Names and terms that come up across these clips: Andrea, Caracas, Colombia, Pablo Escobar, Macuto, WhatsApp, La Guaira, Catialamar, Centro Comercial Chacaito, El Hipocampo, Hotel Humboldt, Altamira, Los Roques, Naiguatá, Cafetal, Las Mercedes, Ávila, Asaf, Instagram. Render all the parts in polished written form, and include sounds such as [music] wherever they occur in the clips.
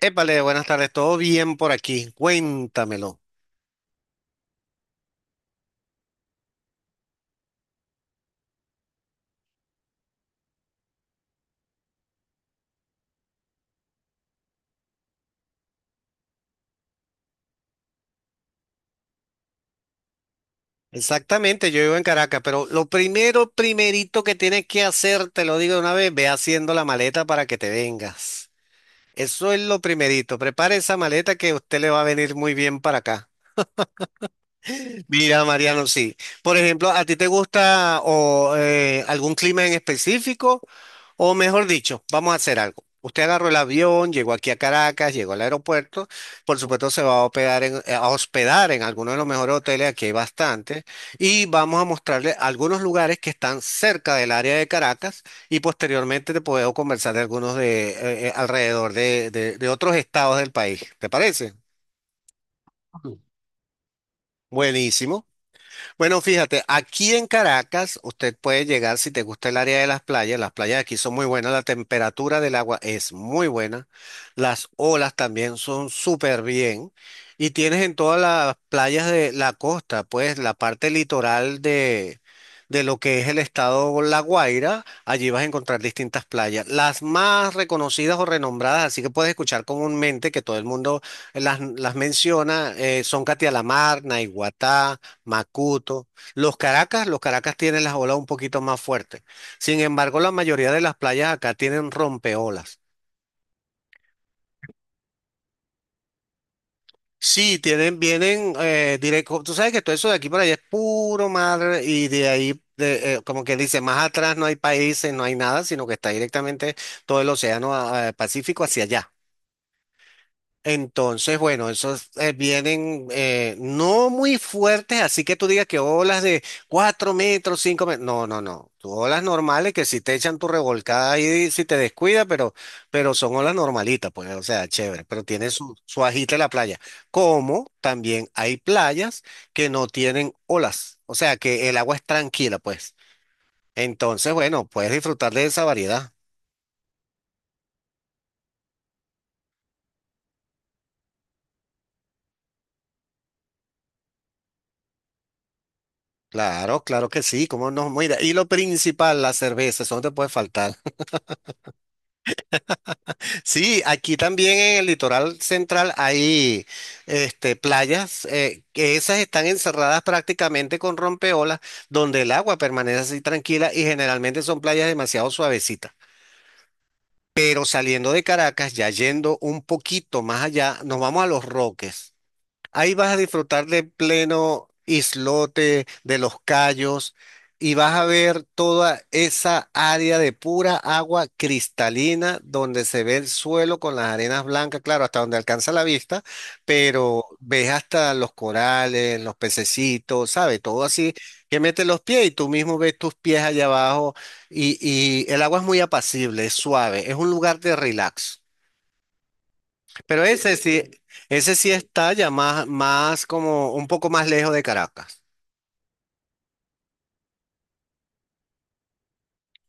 Épale, buenas tardes, todo bien por aquí, cuéntamelo. Exactamente, yo vivo en Caracas, pero lo primero, primerito que tienes que hacer, te lo digo de una vez, ve haciendo la maleta para que te vengas. Eso es lo primerito, prepare esa maleta que a usted le va a venir muy bien para acá. Mira, Mariano, sí. Por ejemplo, ¿a ti te gusta o algún clima en específico? O mejor dicho, vamos a hacer algo. Usted agarró el avión, llegó aquí a Caracas, llegó al aeropuerto. Por supuesto, se va a hospedar en alguno de los mejores hoteles, aquí hay bastantes, y vamos a mostrarle algunos lugares que están cerca del área de Caracas y posteriormente te puedo conversar de algunos de alrededor de otros estados del país. ¿Te parece? Buenísimo. Bueno, fíjate, aquí en Caracas usted puede llegar si te gusta el área de las playas. Las playas aquí son muy buenas, la temperatura del agua es muy buena, las olas también son súper bien y tienes en todas las playas de la costa, pues la parte litoral de lo que es el estado La Guaira, allí vas a encontrar distintas playas, las más reconocidas o renombradas, así que puedes escuchar comúnmente que todo el mundo las menciona, son Catialamar, Naiguatá. Macuto. Los Caracas tienen las olas un poquito más fuertes. Sin embargo, la mayoría de las playas acá tienen rompeolas. Sí, tienen, vienen directo. Tú sabes que todo eso de aquí para allá es puro mar y de ahí, de, como que dice, más atrás no hay países, no hay nada, sino que está directamente todo el océano Pacífico hacia allá. Entonces, bueno, esos vienen no muy fuertes, así que tú digas que olas de 4 metros, 5 metros. No, no, no. Tú olas normales que si te echan tu revolcada ahí, si te descuida, pero son olas normalitas, pues, o sea, chévere, pero tiene su, su agite la playa. Como también hay playas que no tienen olas, o sea, que el agua es tranquila, pues. Entonces, bueno, puedes disfrutar de esa variedad. Claro, claro que sí, cómo no, mira, y lo principal, la cerveza, eso no te puede faltar. Sí, aquí también en el litoral central hay este, playas que esas están encerradas prácticamente con rompeolas, donde el agua permanece así tranquila y generalmente son playas demasiado suavecitas. Pero saliendo de Caracas, ya yendo un poquito más allá, nos vamos a Los Roques. Ahí vas a disfrutar de pleno islote, de los cayos, y vas a ver toda esa área de pura agua cristalina donde se ve el suelo con las arenas blancas, claro, hasta donde alcanza la vista, pero ves hasta los corales, los pececitos, ¿sabes? Todo así que metes los pies y tú mismo ves tus pies allá abajo y, y el agua es muy apacible, es suave, es un lugar de relax. Pero ese sí está ya más, más como un poco más lejos de Caracas.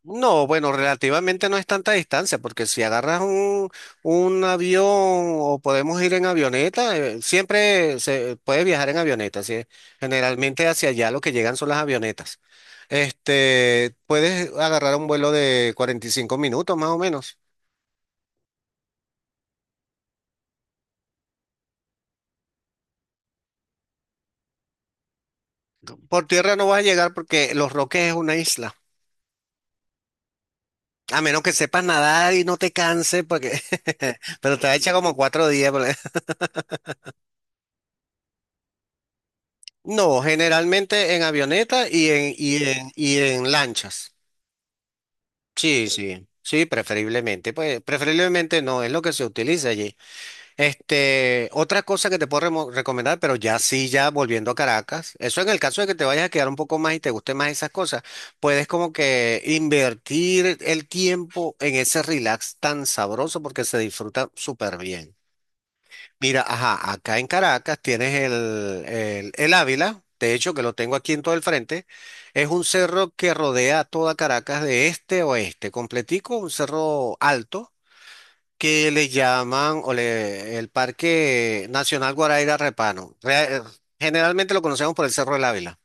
No, bueno, relativamente no es tanta distancia, porque si agarras un avión o podemos ir en avioneta, siempre se puede viajar en avioneta, ¿sí? Generalmente hacia allá lo que llegan son las avionetas. Este, puedes agarrar un vuelo de 45 minutos más o menos. Por tierra no vas a llegar porque Los Roques es una isla. A menos que sepas nadar y no te canses, porque... [laughs] pero te va a echar como 4 días. No, generalmente en avioneta y en lanchas. Sí, sí, sí, preferiblemente. Pues preferiblemente no, es lo que se utiliza allí. Este, otra cosa que te puedo recomendar, pero ya sí, ya volviendo a Caracas, eso en el caso de que te vayas a quedar un poco más y te guste más esas cosas, puedes como que invertir el tiempo en ese relax tan sabroso porque se disfruta súper bien. Mira, ajá, acá en Caracas tienes el, el Ávila, de hecho que lo tengo aquí en todo el frente, es un cerro que rodea a toda Caracas de este a oeste, completico, un cerro alto que le llaman el Parque Nacional Guaraíra Repano. Generalmente lo conocemos por el Cerro del Ávila.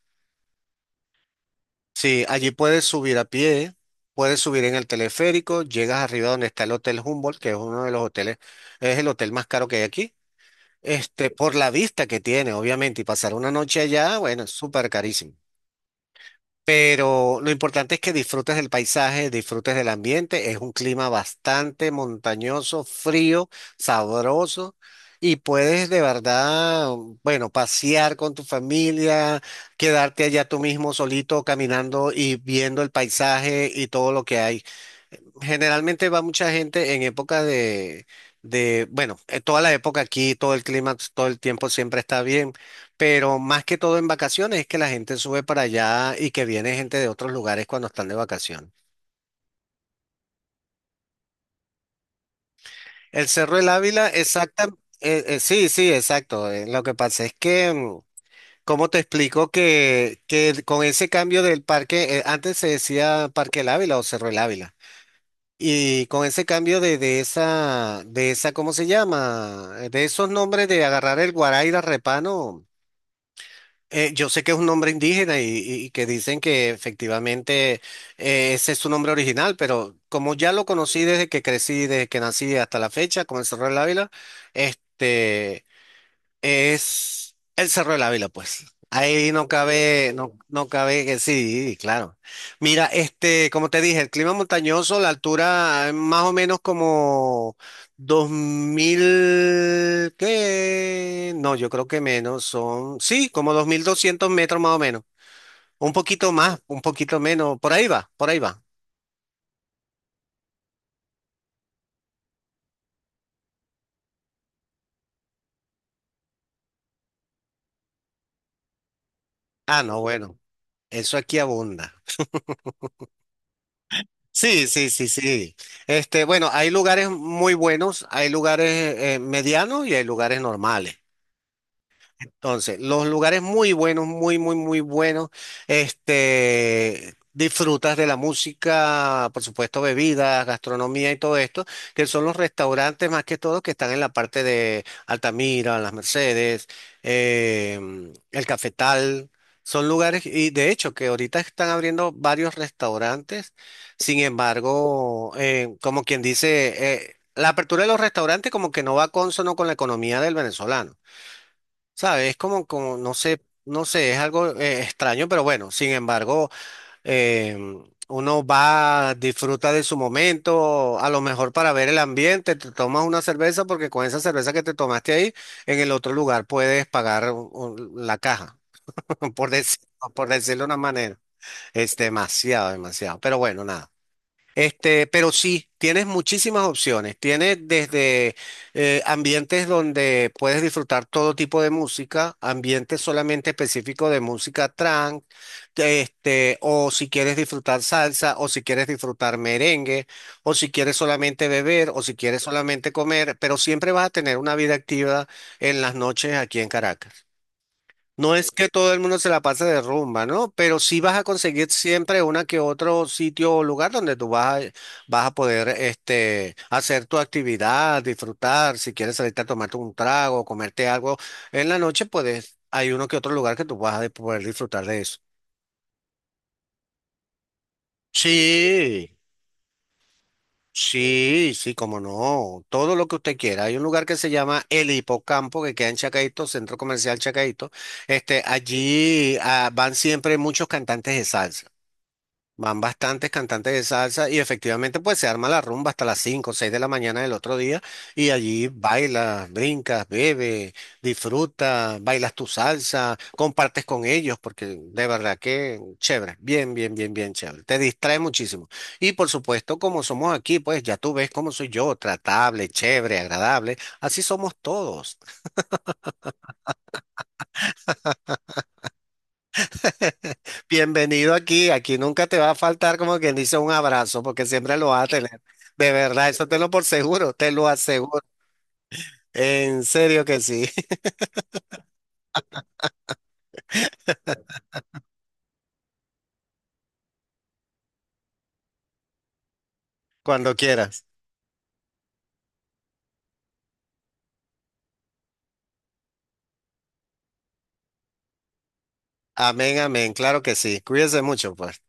Sí, allí puedes subir a pie, puedes subir en el teleférico, llegas arriba donde está el Hotel Humboldt, que es uno de los hoteles, es el hotel más caro que hay aquí. Este, por la vista que tiene, obviamente, y pasar una noche allá, bueno, es súper carísimo. Pero lo importante es que disfrutes del paisaje, disfrutes del ambiente. Es un clima bastante montañoso, frío, sabroso. Y puedes de verdad, bueno, pasear con tu familia, quedarte allá tú mismo solito caminando y viendo el paisaje y todo lo que hay. Generalmente va mucha gente en época de, bueno, toda la época aquí, todo el clima, todo el tiempo siempre está bien, pero más que todo en vacaciones es que la gente sube para allá y que viene gente de otros lugares cuando están de vacaciones. El Cerro del Ávila, exacta, sí, sí, exacto. Lo que pasa es que, ¿cómo te explico que con ese cambio del parque, antes se decía Parque El Ávila o Cerro del Ávila? Y con ese cambio de esa, ¿cómo se llama? De esos nombres de agarrar el Guaraira Repano, yo sé que es un nombre indígena y, y que dicen que efectivamente ese es su nombre original, pero como ya lo conocí desde que crecí, desde que nací hasta la fecha, con el Cerro del Ávila, este. Es el Cerro de la Vila, pues. Ahí no cabe, no, no cabe que sí, claro. Mira, este, como te dije, el clima montañoso, la altura más o menos como 2000 ¿qué? No, yo creo que menos, son, sí, como 2200 metros más o menos. Un poquito más, un poquito menos, por ahí va, por ahí va. Ah, no, bueno, eso aquí abunda. Sí, sí, sí, sí. Este, bueno, hay lugares muy buenos, hay lugares medianos y hay lugares normales. Entonces, los lugares muy buenos, muy, muy, muy buenos. Este, disfrutas de la música, por supuesto, bebidas, gastronomía y todo esto, que son los restaurantes más que todo que están en la parte de Altamira, Las Mercedes, el Cafetal. Son lugares, y de hecho, que ahorita están abriendo varios restaurantes. Sin embargo, como quien dice, la apertura de los restaurantes como que no va consono con la economía del venezolano. ¿Sabes? Es como, como, no sé, no sé, es algo extraño, pero bueno, sin embargo, em, uno va, disfruta de su momento, a lo mejor para ver el ambiente, te tomas una cerveza, porque con esa cerveza que te tomaste ahí, en el otro lugar puedes pagar la caja, [laughs] por decir- por decirlo de una manera. Es demasiado, demasiado, pero bueno, nada. Este, pero sí, tienes muchísimas opciones. Tienes desde ambientes donde puedes disfrutar todo tipo de música, ambientes solamente específicos de música trance, este, o si quieres disfrutar salsa, o si quieres disfrutar merengue, o si quieres solamente beber, o si quieres solamente comer, pero siempre vas a tener una vida activa en las noches aquí en Caracas. No es que todo el mundo se la pase de rumba, ¿no? Pero sí vas a conseguir siempre una que otro sitio o lugar donde tú vas a, vas a poder este, hacer tu actividad, disfrutar. Si quieres salirte a tomarte un trago, comerte algo en la noche, puedes, hay uno que otro lugar que tú vas a poder disfrutar de eso. Sí, sí, sí, como no. Todo lo que usted quiera. Hay un lugar que se llama El Hipocampo, que queda en Chacaito, Centro Comercial Chacaito. Este, allí van siempre muchos cantantes de salsa. Van bastantes cantantes de salsa y efectivamente pues se arma la rumba hasta las 5 o 6 de la mañana del otro día y allí bailas, brincas, bebes, disfrutas, bailas tu salsa, compartes con ellos porque de verdad que chévere, bien, bien, bien, bien chévere, te distrae muchísimo. Y por supuesto como somos aquí pues ya tú ves cómo soy yo, tratable, chévere, agradable, así somos todos. Bienvenido aquí, aquí nunca te va a faltar como quien dice un abrazo, porque siempre lo vas a tener. De verdad, eso te lo por seguro, te lo aseguro. En serio que sí, [laughs] cuando quieras. Amén, amén, claro que sí. Cuídense mucho, pues.